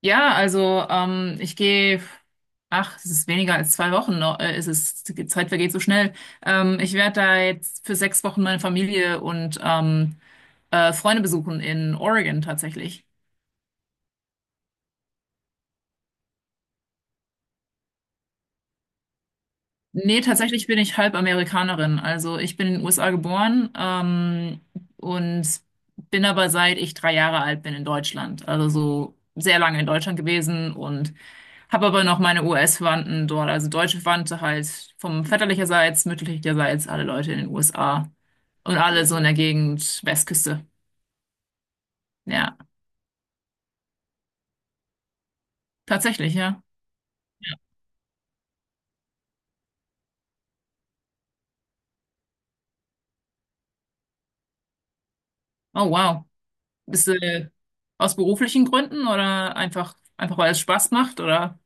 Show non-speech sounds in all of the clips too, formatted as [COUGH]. Ja, also ich gehe, ach, es ist weniger als 2 Wochen noch, die Zeit vergeht so schnell. Ich werde da jetzt für 6 Wochen meine Familie und Freunde besuchen in Oregon tatsächlich. Nee, tatsächlich bin ich halb Amerikanerin. Also ich bin in den USA geboren und bin aber seit ich 3 Jahre alt bin in Deutschland. Also so sehr lange in Deutschland gewesen und habe aber noch meine US-Verwandten dort, also deutsche Verwandte halt vom väterlicherseits, mütterlicherseits, alle Leute in den USA und alle so in der Gegend Westküste. Ja, tatsächlich, ja. Oh wow. Bist du aus beruflichen Gründen oder einfach weil es Spaß macht oder?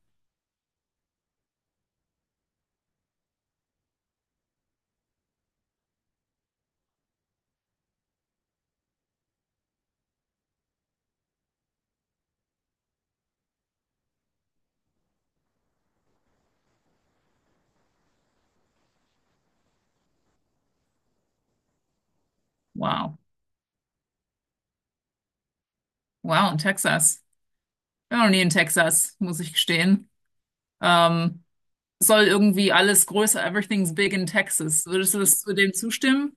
Wow. Wow, in Texas. Ich war noch nie in Texas, muss ich gestehen. Ähm, Soll irgendwie alles größer, everything's big in Texas. Würdest du das zu dem zustimmen?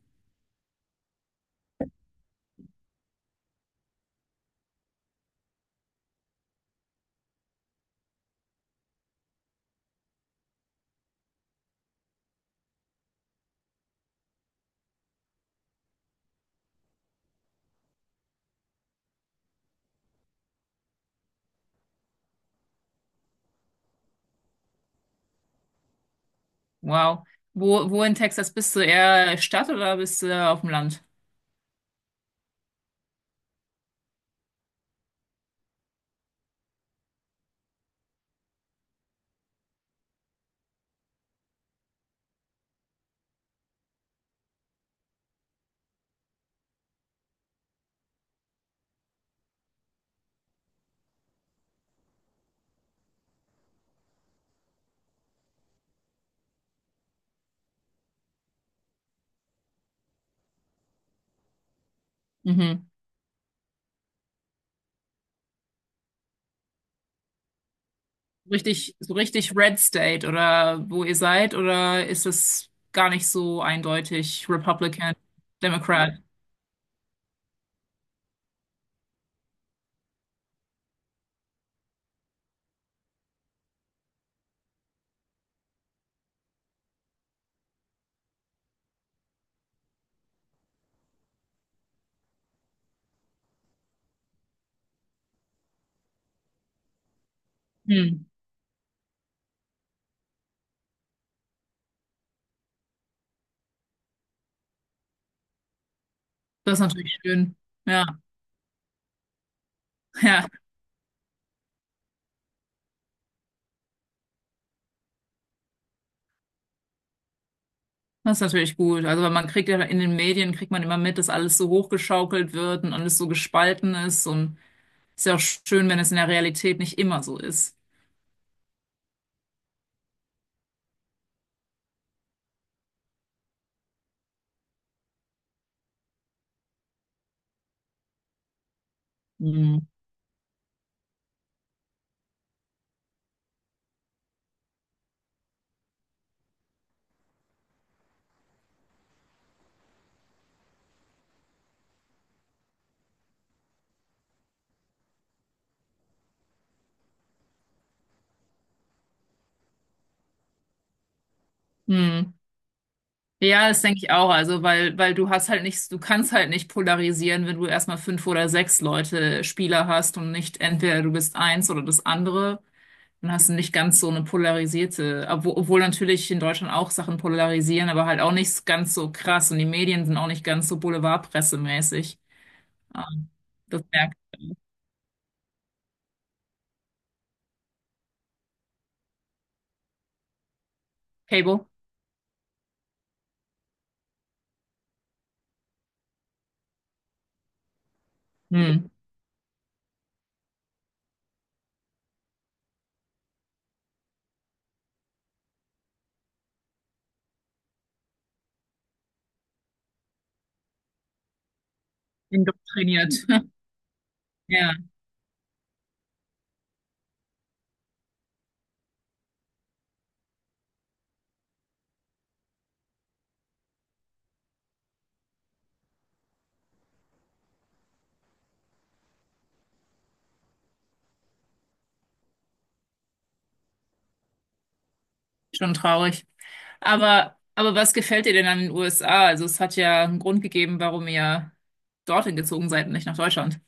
Wow. Wo in Texas bist du? Eher Stadt oder bist du auf dem Land? Mhm. Richtig, so richtig Red State oder wo ihr seid, oder ist es gar nicht so eindeutig Republican, Democrat? Hm. Das ist natürlich schön. Ja, [LAUGHS] ja, das ist natürlich gut. Also weil man kriegt ja in den Medien, kriegt man immer mit, dass alles so hochgeschaukelt wird und alles so gespalten ist, und ist ja auch schön, wenn es in der Realität nicht immer so ist. Hm. Hm. Ja, das denke ich auch. Also, weil du hast halt nicht, du kannst halt nicht polarisieren, wenn du erstmal fünf oder sechs Leute, Spieler hast und nicht entweder du bist eins oder das andere. Dann hast du nicht ganz so eine polarisierte, obwohl natürlich in Deutschland auch Sachen polarisieren, aber halt auch nicht ganz so krass, und die Medien sind auch nicht ganz so boulevardpressemäßig. Ähm, Das merkt Cable. Hm. Indoktriniert. [LAUGHS] Ja, schon traurig. Aber was gefällt dir denn an den USA? Also es hat ja einen Grund gegeben, warum ihr dorthin gezogen seid und nicht nach Deutschland.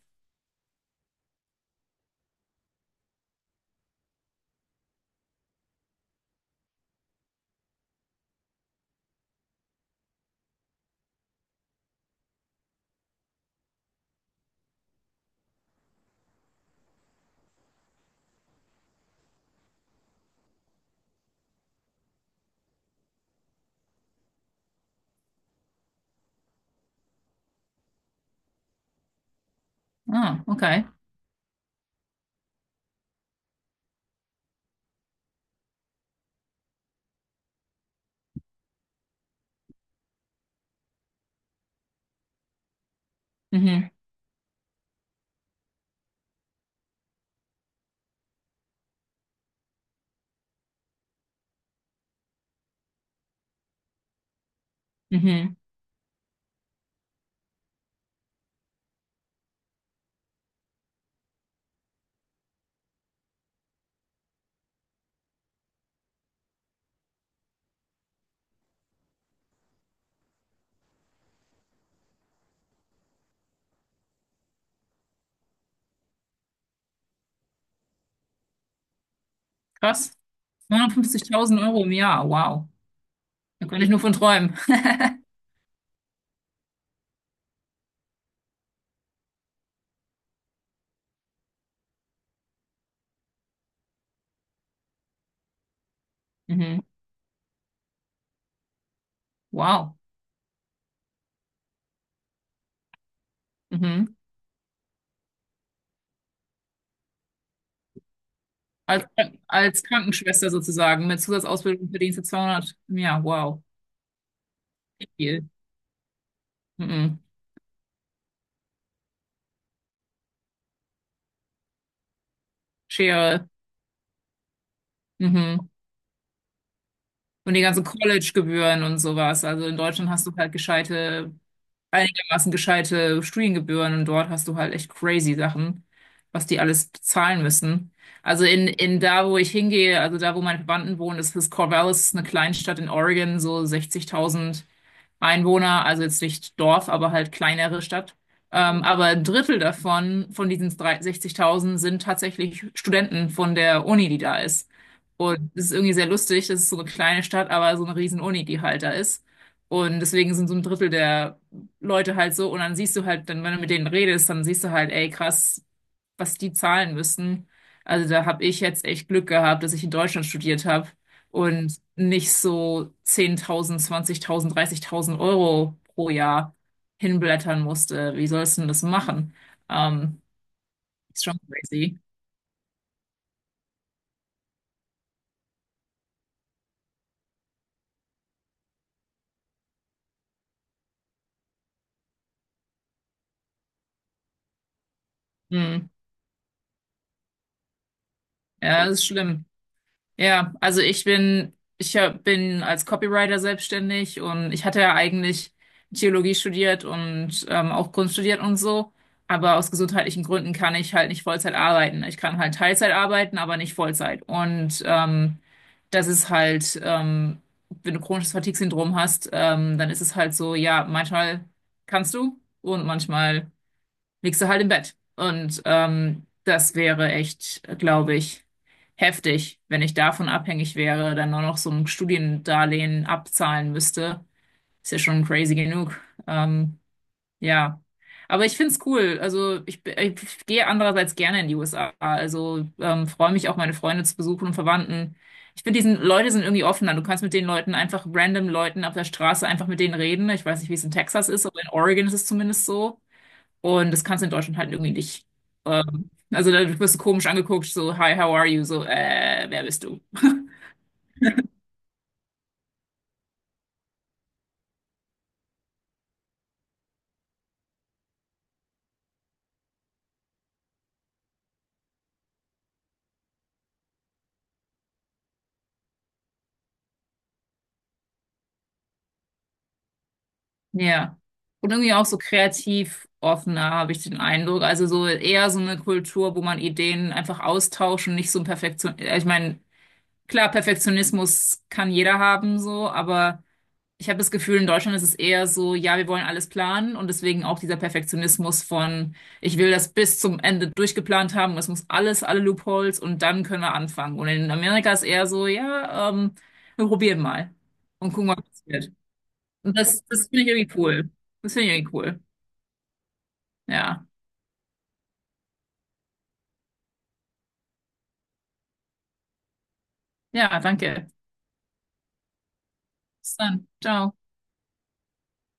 Ah, okay. Mhm, mhm. Krass. 250.000 Euro im Jahr. Wow. Da könnte ich nur von träumen. [LAUGHS] Mhm. Wow. Mhm. Als, als Krankenschwester sozusagen mit Zusatzausbildung verdienst du 200 im Jahr. Wow. Viel. Mhm. Schere. Mhm. Und die ganzen College-Gebühren und sowas. Also in Deutschland hast du halt gescheite, einigermaßen gescheite Studiengebühren, und dort hast du halt echt crazy Sachen, was die alles bezahlen müssen. Also in da, wo ich hingehe, also da, wo meine Verwandten wohnen, ist das Corvallis, eine Kleinstadt in Oregon, so 60.000 Einwohner, also jetzt nicht Dorf, aber halt kleinere Stadt. Aber ein Drittel davon, von diesen 3 60.000, sind tatsächlich Studenten von der Uni, die da ist. Und es ist irgendwie sehr lustig, das ist so eine kleine Stadt, aber so eine riesen Uni, die halt da ist. Und deswegen sind so ein Drittel der Leute halt so, und dann siehst du halt, dann, wenn du mit denen redest, dann siehst du halt, ey, krass, was die zahlen müssen. Also da habe ich jetzt echt Glück gehabt, dass ich in Deutschland studiert habe und nicht so 10.000, 20.000, 30.000 Euro pro Jahr hinblättern musste. Wie sollst du denn das machen? Ähm, Ist schon crazy. Hm. Ja, das ist schlimm. Ja, also ich bin, ich hab- bin als Copywriter selbstständig, und ich hatte ja eigentlich Theologie studiert und auch Kunst studiert und so. Aber aus gesundheitlichen Gründen kann ich halt nicht Vollzeit arbeiten. Ich kann halt Teilzeit arbeiten, aber nicht Vollzeit. Und das ist halt, wenn du chronisches Fatigue-Syndrom hast, dann ist es halt so, ja, manchmal kannst du und manchmal liegst du halt im Bett. Und das wäre echt, glaube ich, heftig, wenn ich davon abhängig wäre, dann nur noch so ein Studiendarlehen abzahlen müsste. Ist ja schon crazy genug. Ähm, ja. Aber ich find's cool. Also ich gehe andererseits gerne in die USA. Also freue mich auch, meine Freunde zu besuchen und Verwandten. Ich finde, diesen Leute sind irgendwie offener. Du kannst mit den Leuten einfach random, Leuten auf der Straße, einfach mit denen reden. Ich weiß nicht, wie es in Texas ist, aber in Oregon ist es zumindest so. Und das kannst du in Deutschland halt irgendwie nicht. Also da wirst du komisch angeguckt, so, hi, how are you? So, wer bist du? Ja. Und irgendwie auch so kreativ offener, habe ich den Eindruck. Also so eher so eine Kultur, wo man Ideen einfach austauscht und nicht so ein Perfektion. Also ich meine, klar, Perfektionismus kann jeder haben, so, aber ich habe das Gefühl, in Deutschland ist es eher so, ja, wir wollen alles planen, und deswegen auch dieser Perfektionismus von, ich will das bis zum Ende durchgeplant haben, es muss alles, alle Loopholes, und dann können wir anfangen. Und in Amerika ist eher so, ja, wir probieren mal und gucken, was passiert. Und das finde ich irgendwie cool. Das finde ich irgendwie cool. Ja. Ja, danke. Bis dann. Ciao.